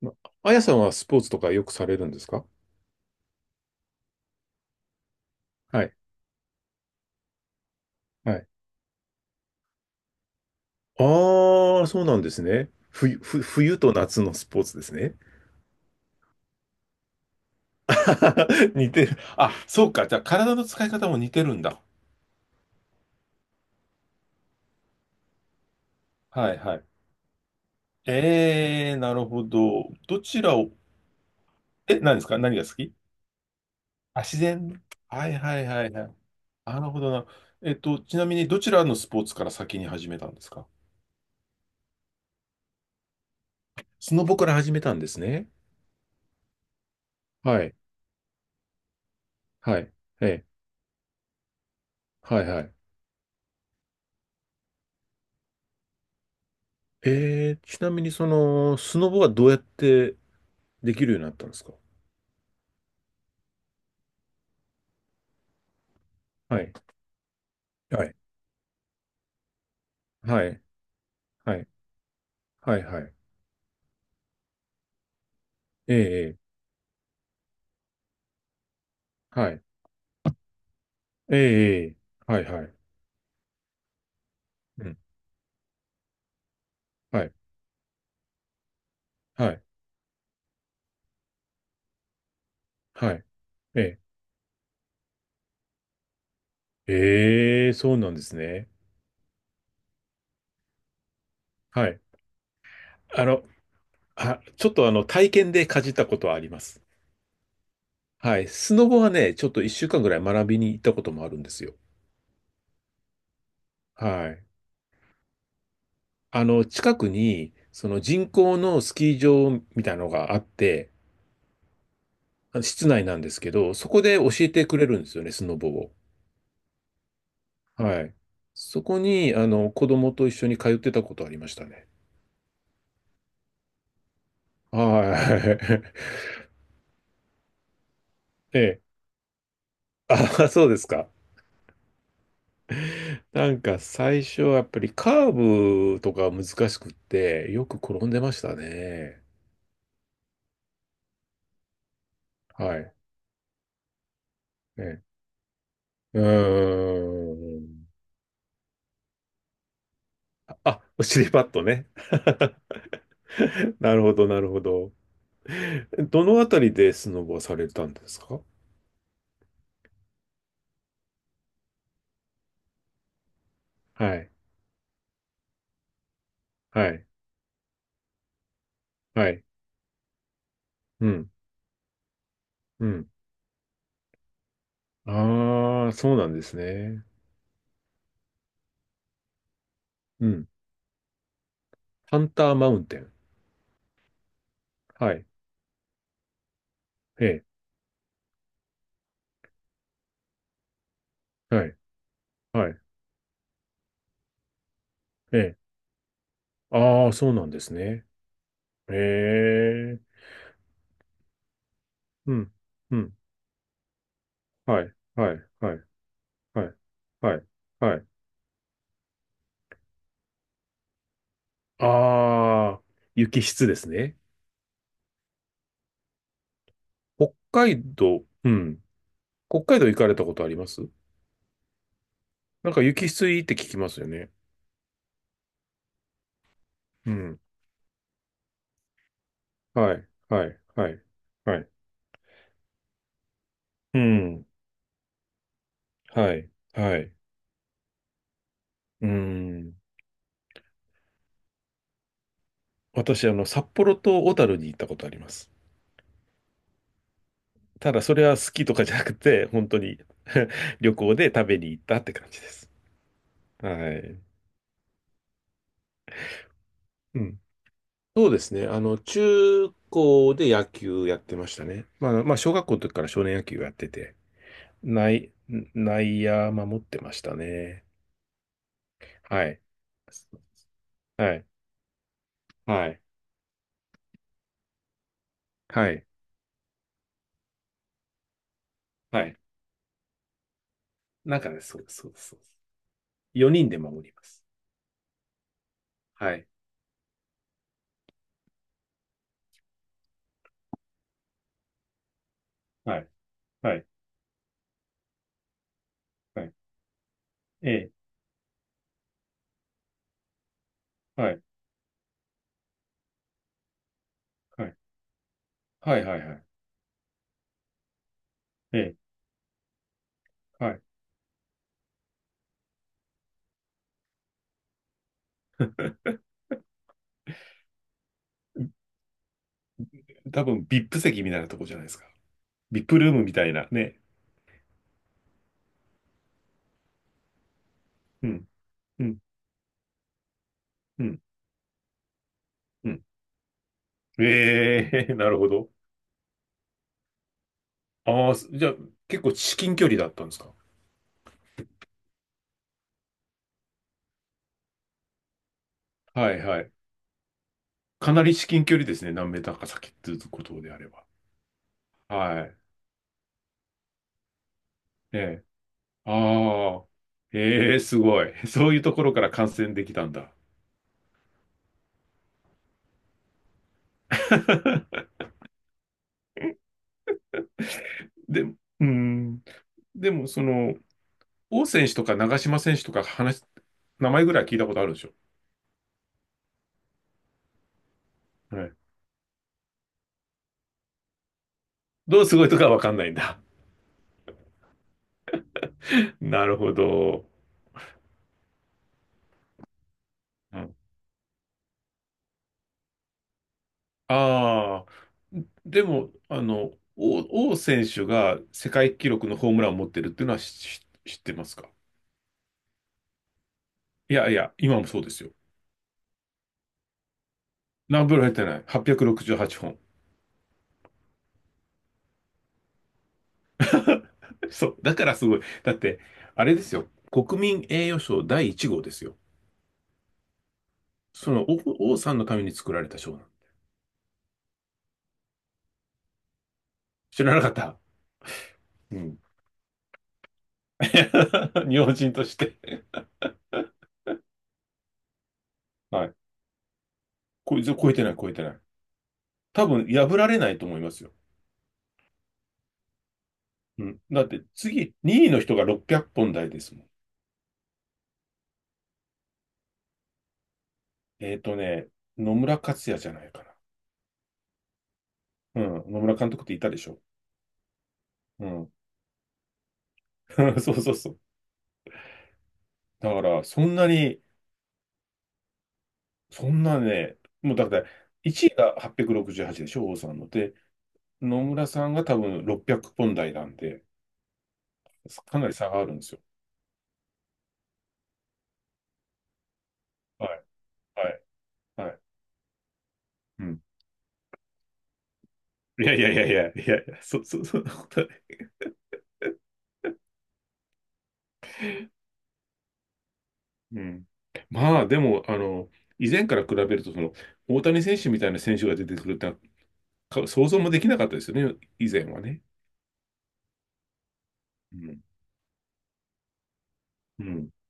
まあやさんはスポーツとかよくされるんですか？はい。はい。ああ、そうなんですね。冬、冬と夏のスポーツですね。似てる。あ、そうか。じゃあ、体の使い方も似てるんだ。はい、はい。なるほど。どちらを、え、何ですか？何が好き？あ、自然。はい、はい、はい、はい。なるほどな。ちなみに、どちらのスポーツから先に始めたんですか？スノボから始めたんですね。はい。はい。ええ。はいはい。ちなみにその、スノボはどうやってできるようになったんですか？はい。はい。はい。はい。はい。はい。ええ。ええ、はい。ええ。ええ、はい。はい。うん。はい。はい。はい。ええ。ええ、そうなんですね。はい。あの、あ、ちょっとあの、体験でかじったことはあります。はい。スノボはね、ちょっと一週間ぐらい学びに行ったこともあるんですよ。はい。あの、近くに、その人工のスキー場みたいなのがあって、あ、室内なんですけど、そこで教えてくれるんですよね、スノボを。はい。そこに、あの、子供と一緒に通ってたことありましたね。はい。ええ。あ、そうですか。なんか最初はやっぱりカーブとか難しくって、よく転んでましたね。はい。ええ。うーん。あ、お尻パッドね。なるほど、なるほど。どのあたりでスノボをされたんですか？はい。はい。はい。うん。うん。ああ、そうなんですね。うん。ハンターマウンテン。はい。ええ。はい。はい。ええ。ああ、そうなんですね。ええ。うん。うん。はい。はい。はい。はい。はい。はい。ああ、雪質ですね。北海道、うん。北海道行かれたことあります？なんか雪質いいって聞きますよね。うん。はい。はい。はい。はい。うん。はい。はい。うん。私、あの、札幌と小樽に行ったことあります。ただ、それは好きとかじゃなくて、本当に 旅行で食べに行ったって感じです。はい。うん。そうですね。あの、中高で野球やってましたね。まあ、まあ、小学校の時から少年野球やってて、内、内野守ってましたね。はい。はい。はい。はい。はい。なんかね、そうです、そうです、そうです。4人で守ります。はい。はい。はい。はい。ええ。はい。はい。はい。はい。はい。ええ。はい。多分ビップ席みたいなとこじゃないですか？ビップルームみたいなね。うん、うん、うん、うん。ええ、なるほど。ああ、じゃあ結構至近距離だったんですか？はいはい。かなり至近距離ですね。何メーターか先っていうことであれば。はい。ええ。ああ。ええ、すごい。そういうところから感染できたんだ。で、うーん。でも、その、王選手とか長嶋選手とか話、名前ぐらい聞いたことあるでしょ。はい。どうすごいとかわかんないんだ。なるほど。うん。ああ、でも、あの、王選手が世界記録のホームランを持ってるっていうのは知ってますか？いやいや、今もそうですよ。何本入ってない？ 868 本。そう、だからすごい。だって、あれですよ。国民栄誉賞第1号ですよ。その王さんのために作られた賞なの。知らなかった。うん。日本人として。はい。こいつ超えてない、超えてない。多分破られないと思いますよ。うん。だって次、2位の人が600本台ですもん。えっーとね、野村克也じゃないかな。うん。野村監督っていたでしょ。うん。そうそうそう。だから、そんなに、そんなね、もうだって、1位が868でしょ、王さんの。で、野村さんが多分600本台なんで、かなり差があるんですよ。はい、はい、はい。うん。いやいやいやいや、いや、そ、そ、そんなこと。うん。まあ、でも、あの、以前から比べると、その、大谷選手みたいな選手が出てくるってのは想像もできなかったですよね、以前はね。うん。う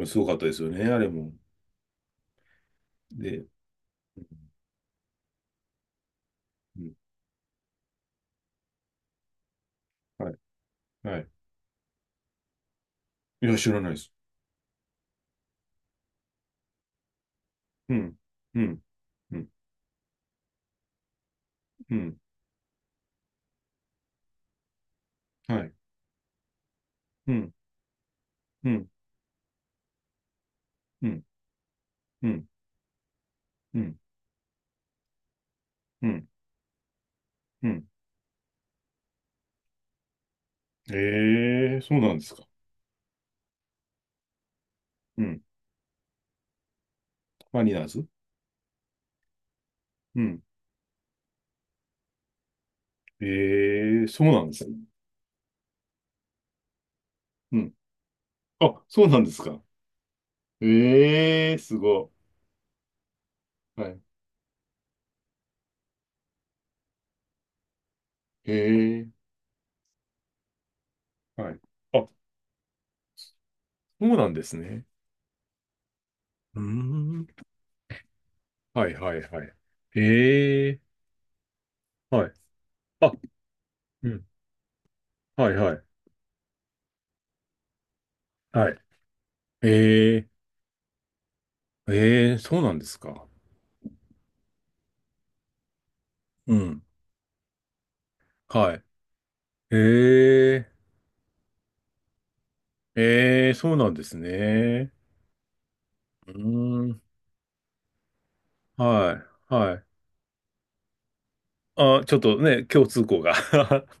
ん。すごかったですよね、あれも。で、うん。うん、はい。はい。いや、知らないです。うん。うん。うん。うん。はい。うん。うん。うん。うん。うん。うん。うん、ええ、そうなんですか。うん。マリナーズ。うん。ええ、そうなんですね。うん。あ、そうなんですか。ええ、すごい。はい。へえ。はい。あ、そうなんですね。うーん。はいはいはい。ええ、はい。あ、うん。はいはい。はい。ええ、ええ、そうなんですか。うん。はい。ええ、ええ、そうなんですね。うーん。はい。はい。あ、ちょっとね、共通項が